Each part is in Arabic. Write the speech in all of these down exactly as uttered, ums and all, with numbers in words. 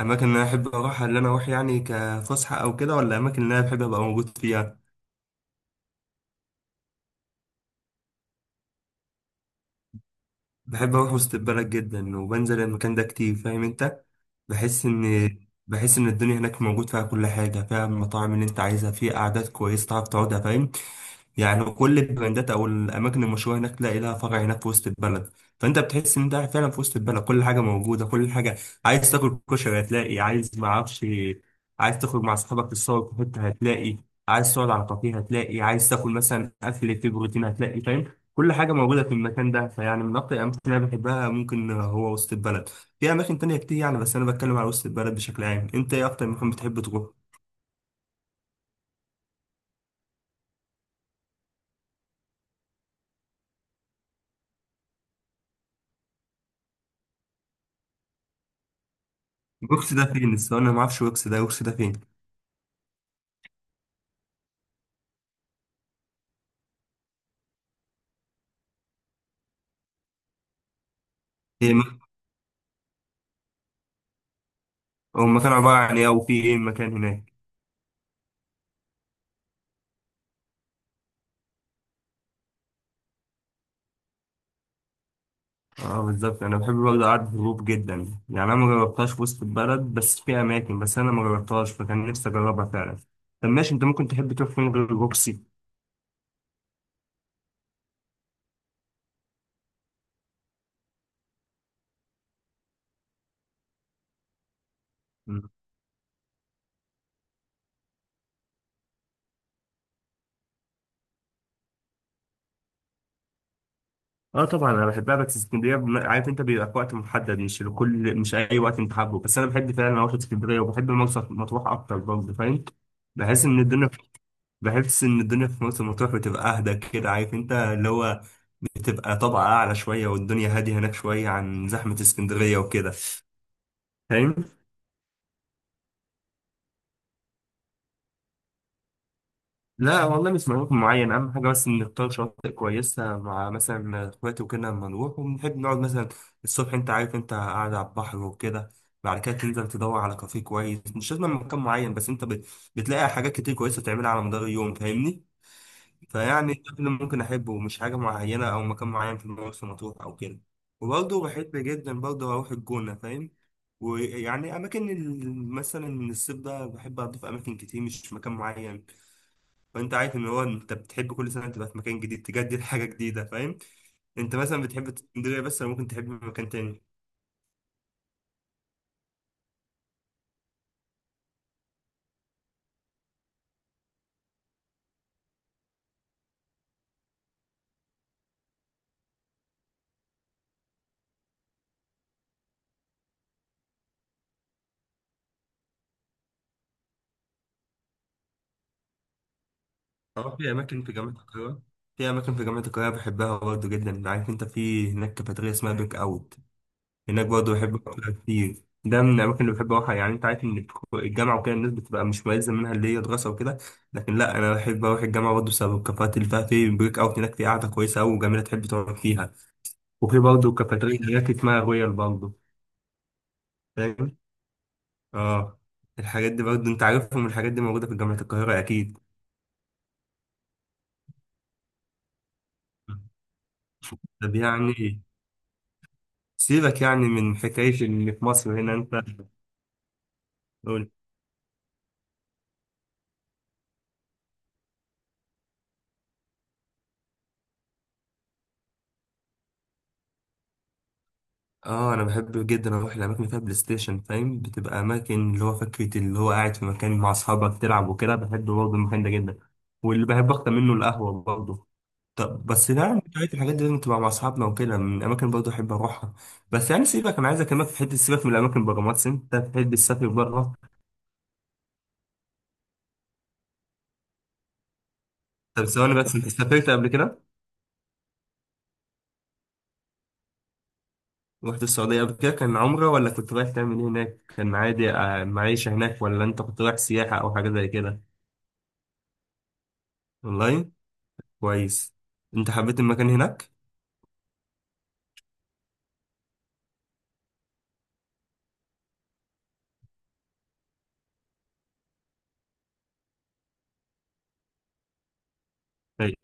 اماكن اللي انا احب اروحها اللي انا اروح يعني كفسحه او كده، ولا اماكن اللي انا بحب ابقى موجود فيها؟ بحب اروح وسط البلد جدا وبنزل المكان ده كتير، فاهم انت. بحس ان بحس ان الدنيا هناك موجود فيها كل حاجه، فيها المطاعم اللي انت عايزها، فيها قعدات كويسه تعرف تقعدها، فاهم. يعني كل البراندات او الاماكن المشهوره هناك تلاقي لها فرع هناك في وسط البلد. فانت بتحس ان انت قاعد فعلا في وسط البلد، كل حاجه موجوده، كل حاجه. عايز تاكل كشري هتلاقي، عايز ما اعرفش، عايز تخرج مع اصحابك تتصور في حته هتلاقي، عايز تقعد على كافيه هتلاقي، عايز تاكل مثلا اكل فيه بروتين هتلاقي، فاهم. كل حاجه موجوده في المكان ده، فيعني من اكتر الاماكن اللي انا بحبها ممكن هو وسط البلد. في اماكن تانية كتير يعني، بس انا بتكلم على وسط البلد بشكل عام. انت ايه اكتر مكان بتحب تروح؟ وكس ده فين؟ الصراحه انا ما اعرفش وكس ده. وكس ده فين؟ هما كانوا عبارة عن ايه، وفي ايه المكان هناك؟ اه بالظبط، انا بحب برضه قعدة الهروب جدا. يعني انا ما جربتهاش في وسط البلد، بس في اماكن بس انا ما جربتهاش، فكان نفسي اجربها فعلا. طب ماشي، انت ممكن تحب تروح فين غير روكسي؟ مم. اه طبعا انا بحبها، بس اسكندريه بم- عارف انت بيبقى في وقت محدد، مش لكل، مش اي وقت انت حابه. بس انا بحب فعلا اروح اسكندريه، وبحب مرسى مطروح اكتر برضه، فاهم. بحس ان الدنيا، بحس ان الدنيا في مرسى مطروح بتبقى اهدى كده، عارف انت اللي هو بتبقى طبقة أعلى شوية، والدنيا هادية هناك شوية عن زحمة اسكندرية وكده. فاهم؟ لا والله، مش مكان معين. أهم حاجة بس إن نختار شواطئ كويسة مع مثلا إخواتي وكده، لما نروح ونحب نقعد مثلا الصبح، أنت عارف، أنت قاعد على البحر وكده، بعد كده تنزل تدور على كافيه كويس. مش لازم مكان معين، بس أنت بت- بتلاقي حاجات كتير كويسة تعملها على مدار اليوم، فاهمني؟ فيعني ده اللي ممكن أحبه، مش حاجة معينة أو مكان معين في مرسى مطروح أو كده. وبرضه بحب جدا برضه أروح الجونة، فاهم. ويعني أماكن ال- مثلا من الصيف ده بحب أضيف أماكن كتير، مش في مكان معين. وأنت عارف إن هو أنت بتحب كل سنة تبقى في مكان جديد، تجدد حاجة جديدة، فاهم. أنت مثلا بتحب اسكندرية بس، ولا ممكن تحب مكان تاني؟ أه، في أماكن في جامعة القاهرة. في أماكن في جامعة القاهرة بحبها برضه جدا. عارف أنت في هناك كافيتيريا اسمها بيك أوت، هناك برضه بحب أروح كتير. ده من الأماكن اللي بحب أروحها. يعني أنت عارف إن الك- الجامعة وكده الناس بتبقى مش ملزم منها، اللي هي دراسة وكده. لكن لا، أنا بحب أروح الجامعة برضه بسبب الكافيهات اللي فيها. في بريك أوت هناك في قعدة كويسة أوي وجميلة تحب تقعد فيها. وفي برضه كافيتيريا هناك اسمها رويال برضه، فاهم؟ آه. الحاجات دي برضه أنت عارفهم، الحاجات دي موجودة في جامعة القاهرة أكيد. طب يعني سيبك يعني من حكاية إن في مصر هنا. أنت اه، انا بحب جدا اروح الاماكن اللي فيها بلاي ستيشن، فاهم. بتبقى اماكن اللي هو فكره اللي هو قاعد في مكان مع اصحابك تلعب وكده، بحب برضه المكان ده جدا. واللي بحب اكتر منه القهوه برضه. طب بس ده يعني بتاعت الحاجات دي لازم تبقى مع اصحابنا وكده، من الاماكن برضه احب اروحها. بس يعني سيبك، انا عايز اكلمك في حته. سيبك من الاماكن، بره مصر انت بتحب تسافر بره؟ طب ثواني بس، انت سافرت قبل كده؟ رحت السعوديه قبل كده كان عمره، ولا كنت رايح تعمل ايه هناك؟ كان عادي آه، معيشه هناك، ولا انت كنت رايح سياحه او حاجه زي كده؟ والله. كويس. انت حبيت المكان هناك؟ اي.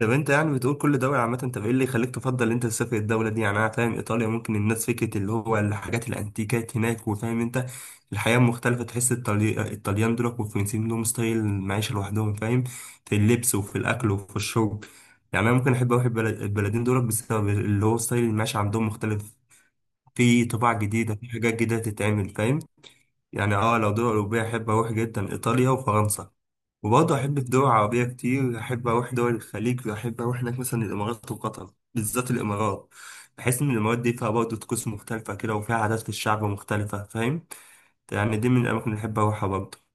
طب انت يعني بتقول كل دولة عامة، طب ايه اللي يخليك تفضل انت تسافر الدولة دي؟ يعني انا فاهم ايطاليا ممكن الناس فكرة اللي هو الحاجات الانتيكات هناك، وفاهم انت الحياة مختلفة. تحس الطلي- الطليان دول والفرنسيين لهم ستايل معيشة لوحدهم، فاهم، في اللبس وفي الاكل وفي الشرب. يعني انا ممكن احب اروح البلد- البلدين دول بسبب اللي هو ستايل المعيشة عندهم مختلف، في طباع جديدة، في حاجات جديدة تتعمل، فاهم. يعني اه لو دول أوروبية أحب أروح جدا إيطاليا وفرنسا. وبرضه أحب الدول العربية كتير، أحب أروح دول الخليج، وأحب أروح هناك مثلا الإمارات وقطر، بالذات الإمارات. بحس إن الإمارات دي فيها برضه طقوس مختلفة كده، وفيها عادات في الشعب مختلفة، فاهم. يعني دي من الأماكن اللي أحب أروحها برضه.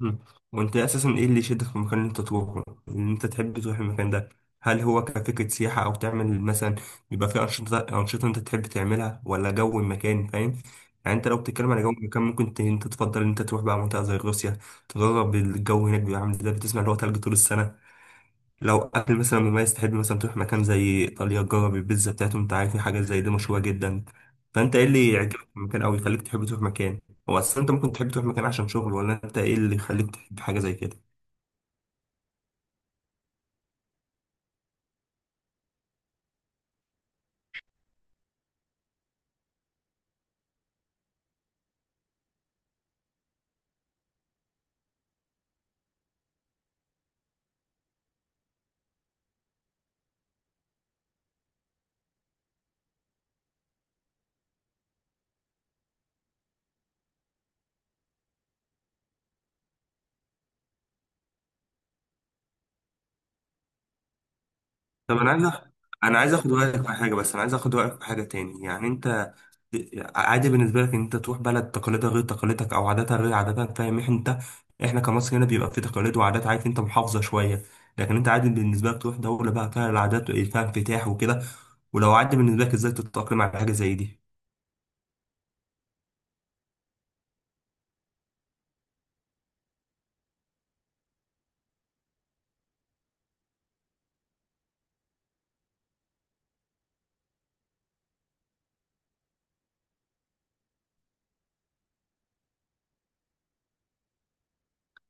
مم. وانت اساسا ايه اللي يشدك في المكان اللي انت تروحه ان انت تحب تروح المكان ده؟ هل هو كفكرة سياحة، او تعمل مثلا بيبقى فيه انشطة انشطة انت تحب تعملها، ولا جو المكان؟ فاهم. يعني انت لو بتتكلم على جو المكان، ممكن ت- انت تفضل ان انت تروح بقى منطقة زي روسيا، تجرب الجو هناك بيبقى عامل ازاي، بتسمع اللي هو تلج طول السنة. لو اكل مثلا مميز، تحب مثلا تروح مكان زي ايطاليا تجرب البيتزا بتاعتهم، انت عارف في حاجات زي دي مشهوره جدا. فانت ايه اللي يعجبك في المكان، او يخليك تحب تروح مكان؟ هو اصلا انت ممكن تحب تروح مكان عشان شغل، ولا انت ايه اللي يخليك تحب حاجه زي كده؟ طب انا عايز أخ... انا عايز اخد رايك في حاجه، بس انا عايز اخد رايك في حاجه تاني. يعني انت عادي بالنسبه لك ان انت تروح بلد تقاليدها غير تقاليدك، او عاداتها غير عاداتك، فاهم انت. احنا كمصر هنا بيبقى في تقاليد وعادات، عارف انت، محافظه شويه. لكن انت عادي بالنسبه لك تروح دوله بقى فيها العادات، فيها انفتاح وكده؟ ولو عادي بالنسبه لك، ازاي تتاقلم على حاجه زي دي؟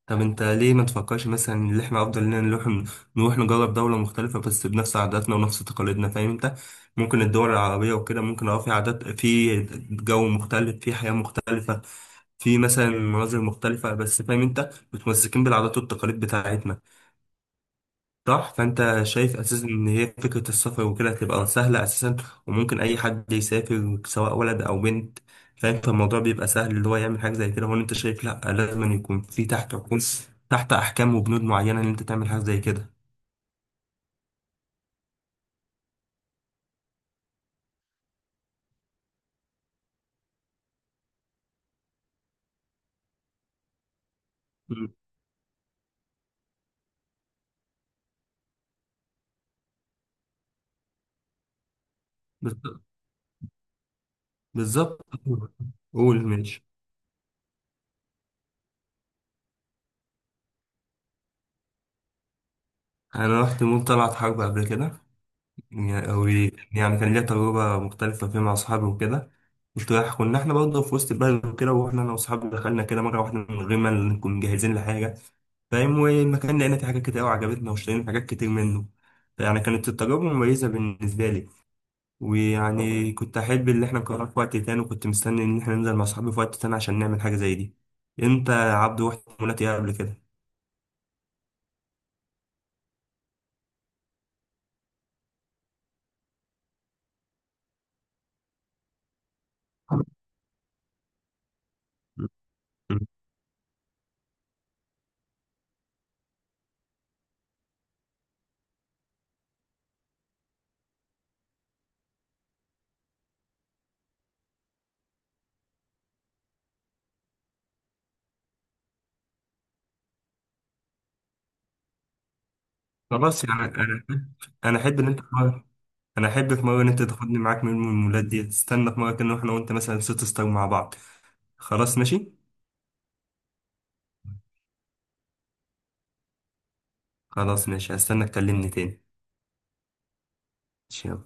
طب انت ليه ما تفكرش مثلا ان احنا افضل لنا نروح نروح نجرب دولة مختلفة بس بنفس عاداتنا ونفس تقاليدنا، فاهم انت. ممكن الدول العربية وكده ممكن اه في عادات، في جو مختلف، في حياة مختلفة، في مثلا مناظر مختلفة، بس فاهم انت متمسكين بالعادات والتقاليد بتاعتنا، صح. فانت شايف اساسا ان هي فكره السفر وكده هتبقى سهله اساسا، وممكن اي حد يسافر سواء ولد او بنت، فاهم. فالموضوع بيبقى سهل اللي هو يعمل حاجه زي كده، هو انت شايف؟ لا، لازم أن يكون في تحت عقود، تحت احكام وبنود معينه ان انت تعمل حاجه زي كده. مم. بالظ- بالظبط قول ماشي. انا رحت مول طلعت حرب قبل كده. يعني يعني كان ليا تجربه مختلفه فيها مع اصحابي وكده. كنت رايح، كنا احنا برضه في وسط البلد وكده، واحنا انا واصحابي دخلنا كده مره واحده من غير ما نكون جاهزين لحاجه، فاهم. والمكان لقينا فيه حاجات كتير أوي عجبتنا، واشترينا حاجات كتير منه. يعني كانت التجربة مميزة بالنسبة لي. ويعني كنت أحب إن احنا نكررها في وقت تاني، وكنت مستني إن احنا ننزل مع صحابي في وقت تاني عشان نعمل حاجة زي دي. أنت يا عبدو رحت مولات إيه قبل كده؟ م- م. خلاص يعني أنا، أنا أحب إن أنت في مرة، أنا أحب في مرة إن أنت تاخدني معاك من المولات دي. تستنى في مرة كده إحنا وأنت مثلا ست ستار مع بعض. خلاص ماشي؟ خلاص ماشي، هستنى تكلمني تاني. ماشي، يلا.